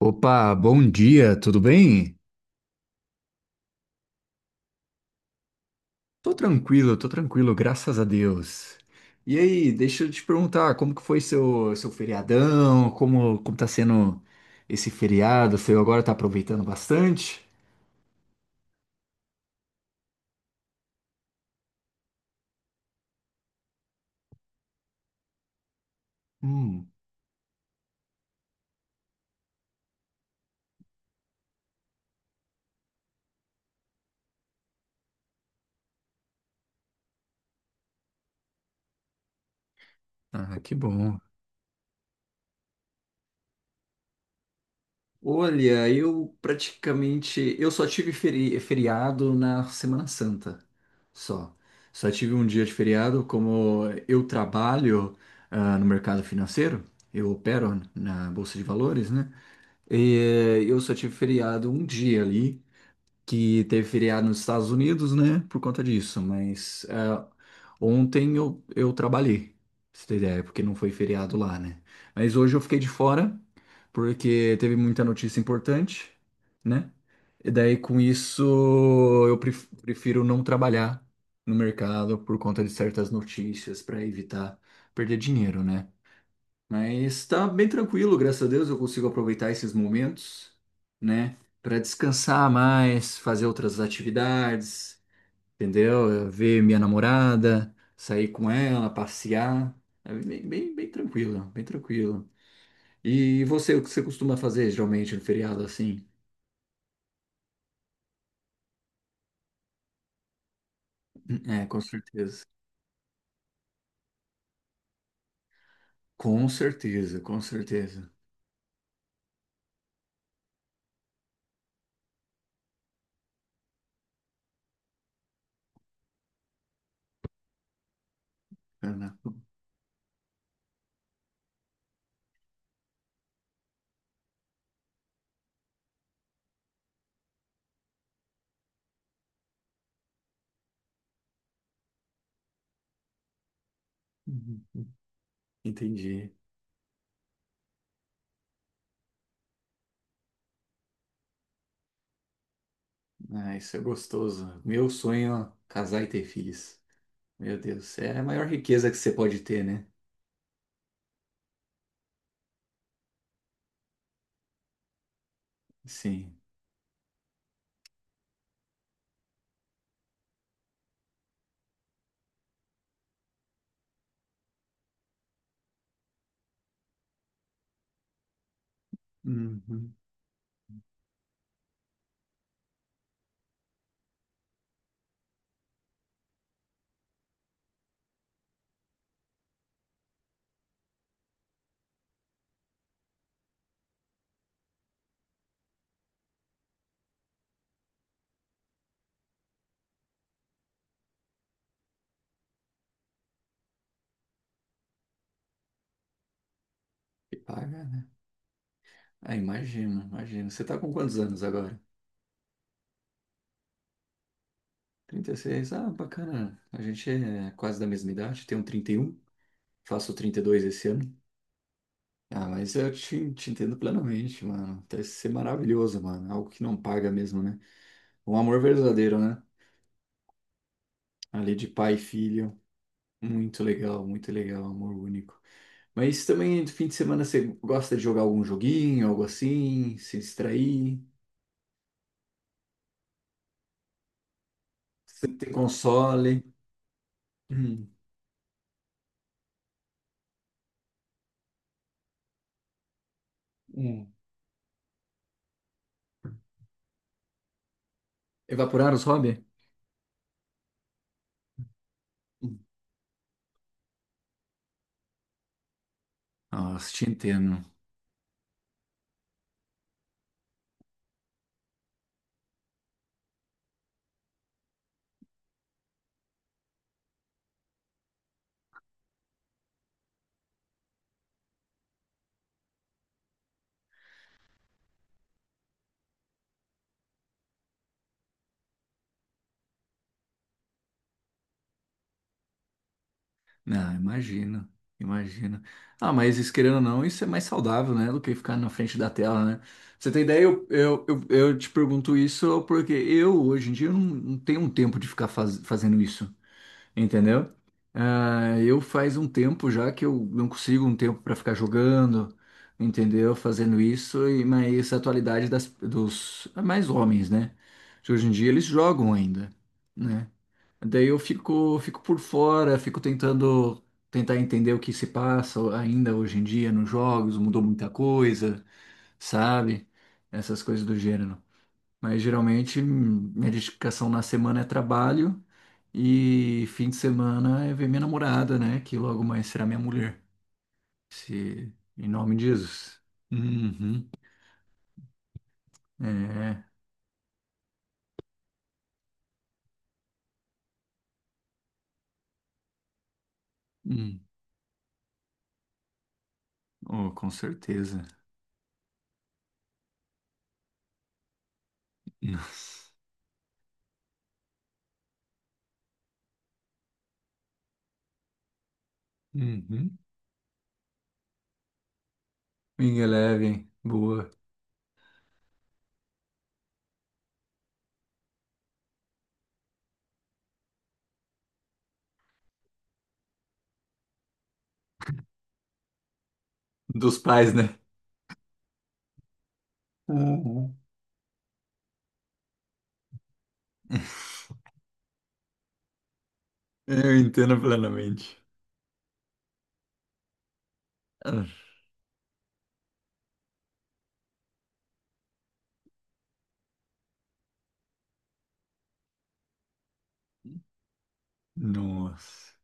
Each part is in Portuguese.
Opa, bom dia, tudo bem? Tô tranquilo, graças a Deus. E aí, deixa eu te perguntar, como que foi seu feriadão? Como tá sendo esse feriado? Você agora tá aproveitando bastante? Hum, ah, que bom. Olha, eu praticamente, eu só tive feriado na Semana Santa, só. Só tive um dia de feriado, como eu trabalho, ah, no mercado financeiro, eu opero na Bolsa de Valores, né? E eu só tive feriado um dia ali, que teve feriado nos Estados Unidos, né? Por conta disso. Mas é, ontem eu trabalhei, pra você ter ideia, porque não foi feriado lá, né? Mas hoje eu fiquei de fora, porque teve muita notícia importante, né? E daí com isso eu prefiro não trabalhar no mercado por conta de certas notícias para evitar perder dinheiro, né? Mas tá bem tranquilo, graças a Deus eu consigo aproveitar esses momentos, né? Pra descansar mais, fazer outras atividades, entendeu? Eu ver minha namorada, sair com ela, passear. É bem, bem, bem tranquilo, bem tranquilo. E você, o que você costuma fazer geralmente no feriado assim? É, com certeza. Com certeza, com certeza. Ana. Uhum. Entendi. Ah, isso é gostoso. Meu sonho é casar e ter filhos. Meu Deus, é a maior riqueza que você pode ter, né? Sim. Uhum. E paga, né? Ah, imagino, imagino. Você tá com quantos anos agora? 36. Ah, bacana. A gente é quase da mesma idade. Tenho 31. Faço 32 esse ano. Ah, mas eu te entendo plenamente, mano. Deve ser maravilhoso, mano. Algo que não paga mesmo, né? Um amor verdadeiro, né? Ali de pai e filho. Muito legal, muito legal. Amor único. Mas também no fim de semana você gosta de jogar algum joguinho, algo assim, se distrair, você tem console. Hum. Hum. Evaporar os hobbies? Hum. Nossa, te entendo. Não, imagino, imagino. Ah, mas isso, querendo ou não, isso é mais saudável, né, do que ficar na frente da tela, né? Pra você tem ideia? Eu te pergunto isso porque eu, hoje em dia, eu não, não tenho um tempo de ficar fazendo isso. Entendeu? Ah, eu faz um tempo já que eu não consigo um tempo para ficar jogando, entendeu? Fazendo isso, e mas a atualidade dos mais homens, né? De hoje em dia eles jogam ainda, né? Daí eu fico por fora, fico tentando tentar entender o que se passa ainda hoje em dia nos jogos, mudou muita coisa, sabe? Essas coisas do gênero. Mas geralmente minha dedicação na semana é trabalho e fim de semana é ver minha namorada, né? Que logo mais será minha mulher. Se... Em nome de Jesus. Uhum. É. Hum. Oh, com certeza. Nossa. Uhum. Minha leve, boa. Dos pais, né? Uhum. Eu entendo plenamente. Ah, nossa.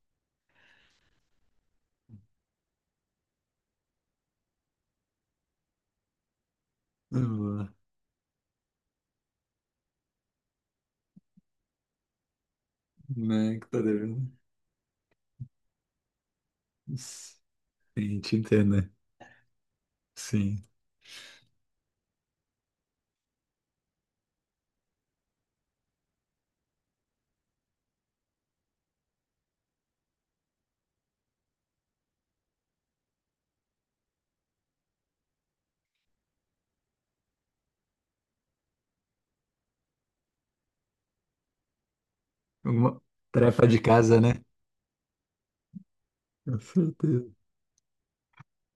Boa. Né? Que tá devendo. Sim, te entendo, né? Sim. Alguma tarefa de casa, né? Com certeza.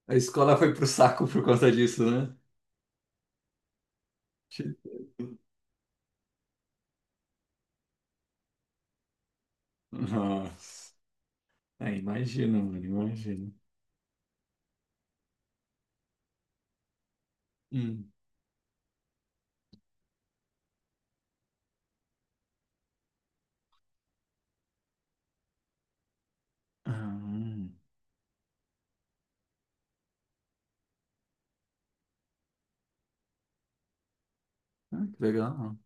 A escola foi pro saco por conta disso, né? Ti- Nossa. É, imagina, mano, imagina. Hum. Ah, ah, que legal.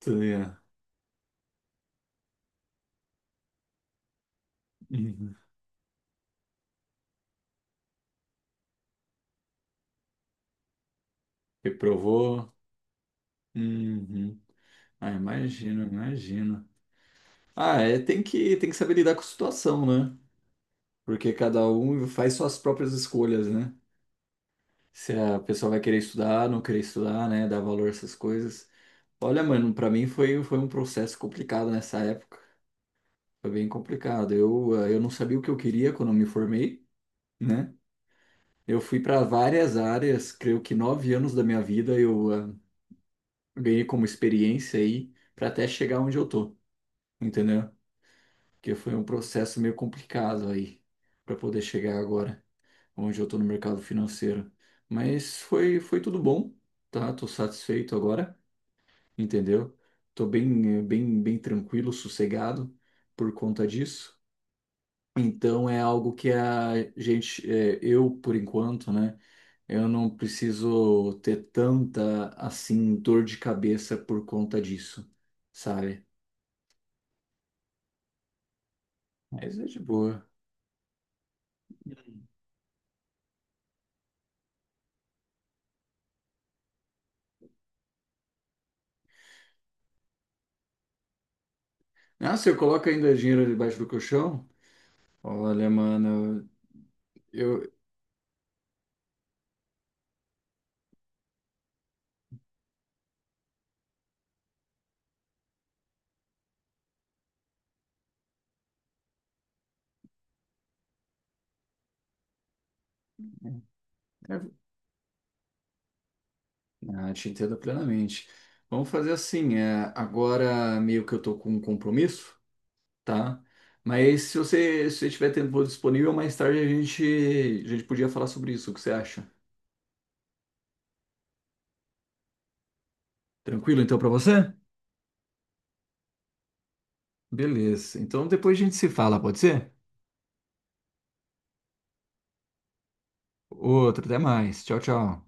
Tu ia- Uhum. Reprovou. Uhum. Ah, imagina, imagina. Ah, é, tem que saber lidar com a situação, né? Porque cada um faz suas próprias escolhas, né? Se a pessoa vai querer estudar, não querer estudar, né? Dar valor a essas coisas. Olha, mano, pra mim foi um processo complicado nessa época. Foi bem complicado. Eu, eu não sabia o que eu queria quando eu me formei, né? Eu fui para várias áreas, creio que 9 anos da minha vida eu ganhei como experiência aí para até chegar onde eu tô, entendeu? Porque foi um processo meio complicado aí para poder chegar agora onde eu tô no mercado financeiro. Mas foi tudo bom, tá? Tô satisfeito agora, entendeu? Tô bem, bem tranquilo, sossegado por conta disso. Então é algo que a gente, é, eu por enquanto, né? Eu não preciso ter tanta assim dor de cabeça por conta disso, sabe? Mas é de boa. Ah, se eu coloco ainda dinheiro debaixo do colchão? Olha, mano, eu, eu, te entendo plenamente. Vamos fazer assim, é, agora meio que eu tô com um compromisso, tá? Mas se você, se você tiver tempo disponível, mais tarde a gente podia falar sobre isso. O que você acha? Tranquilo então pra você? Beleza. Então depois a gente se fala, pode ser? Outro, até mais. Tchau, tchau.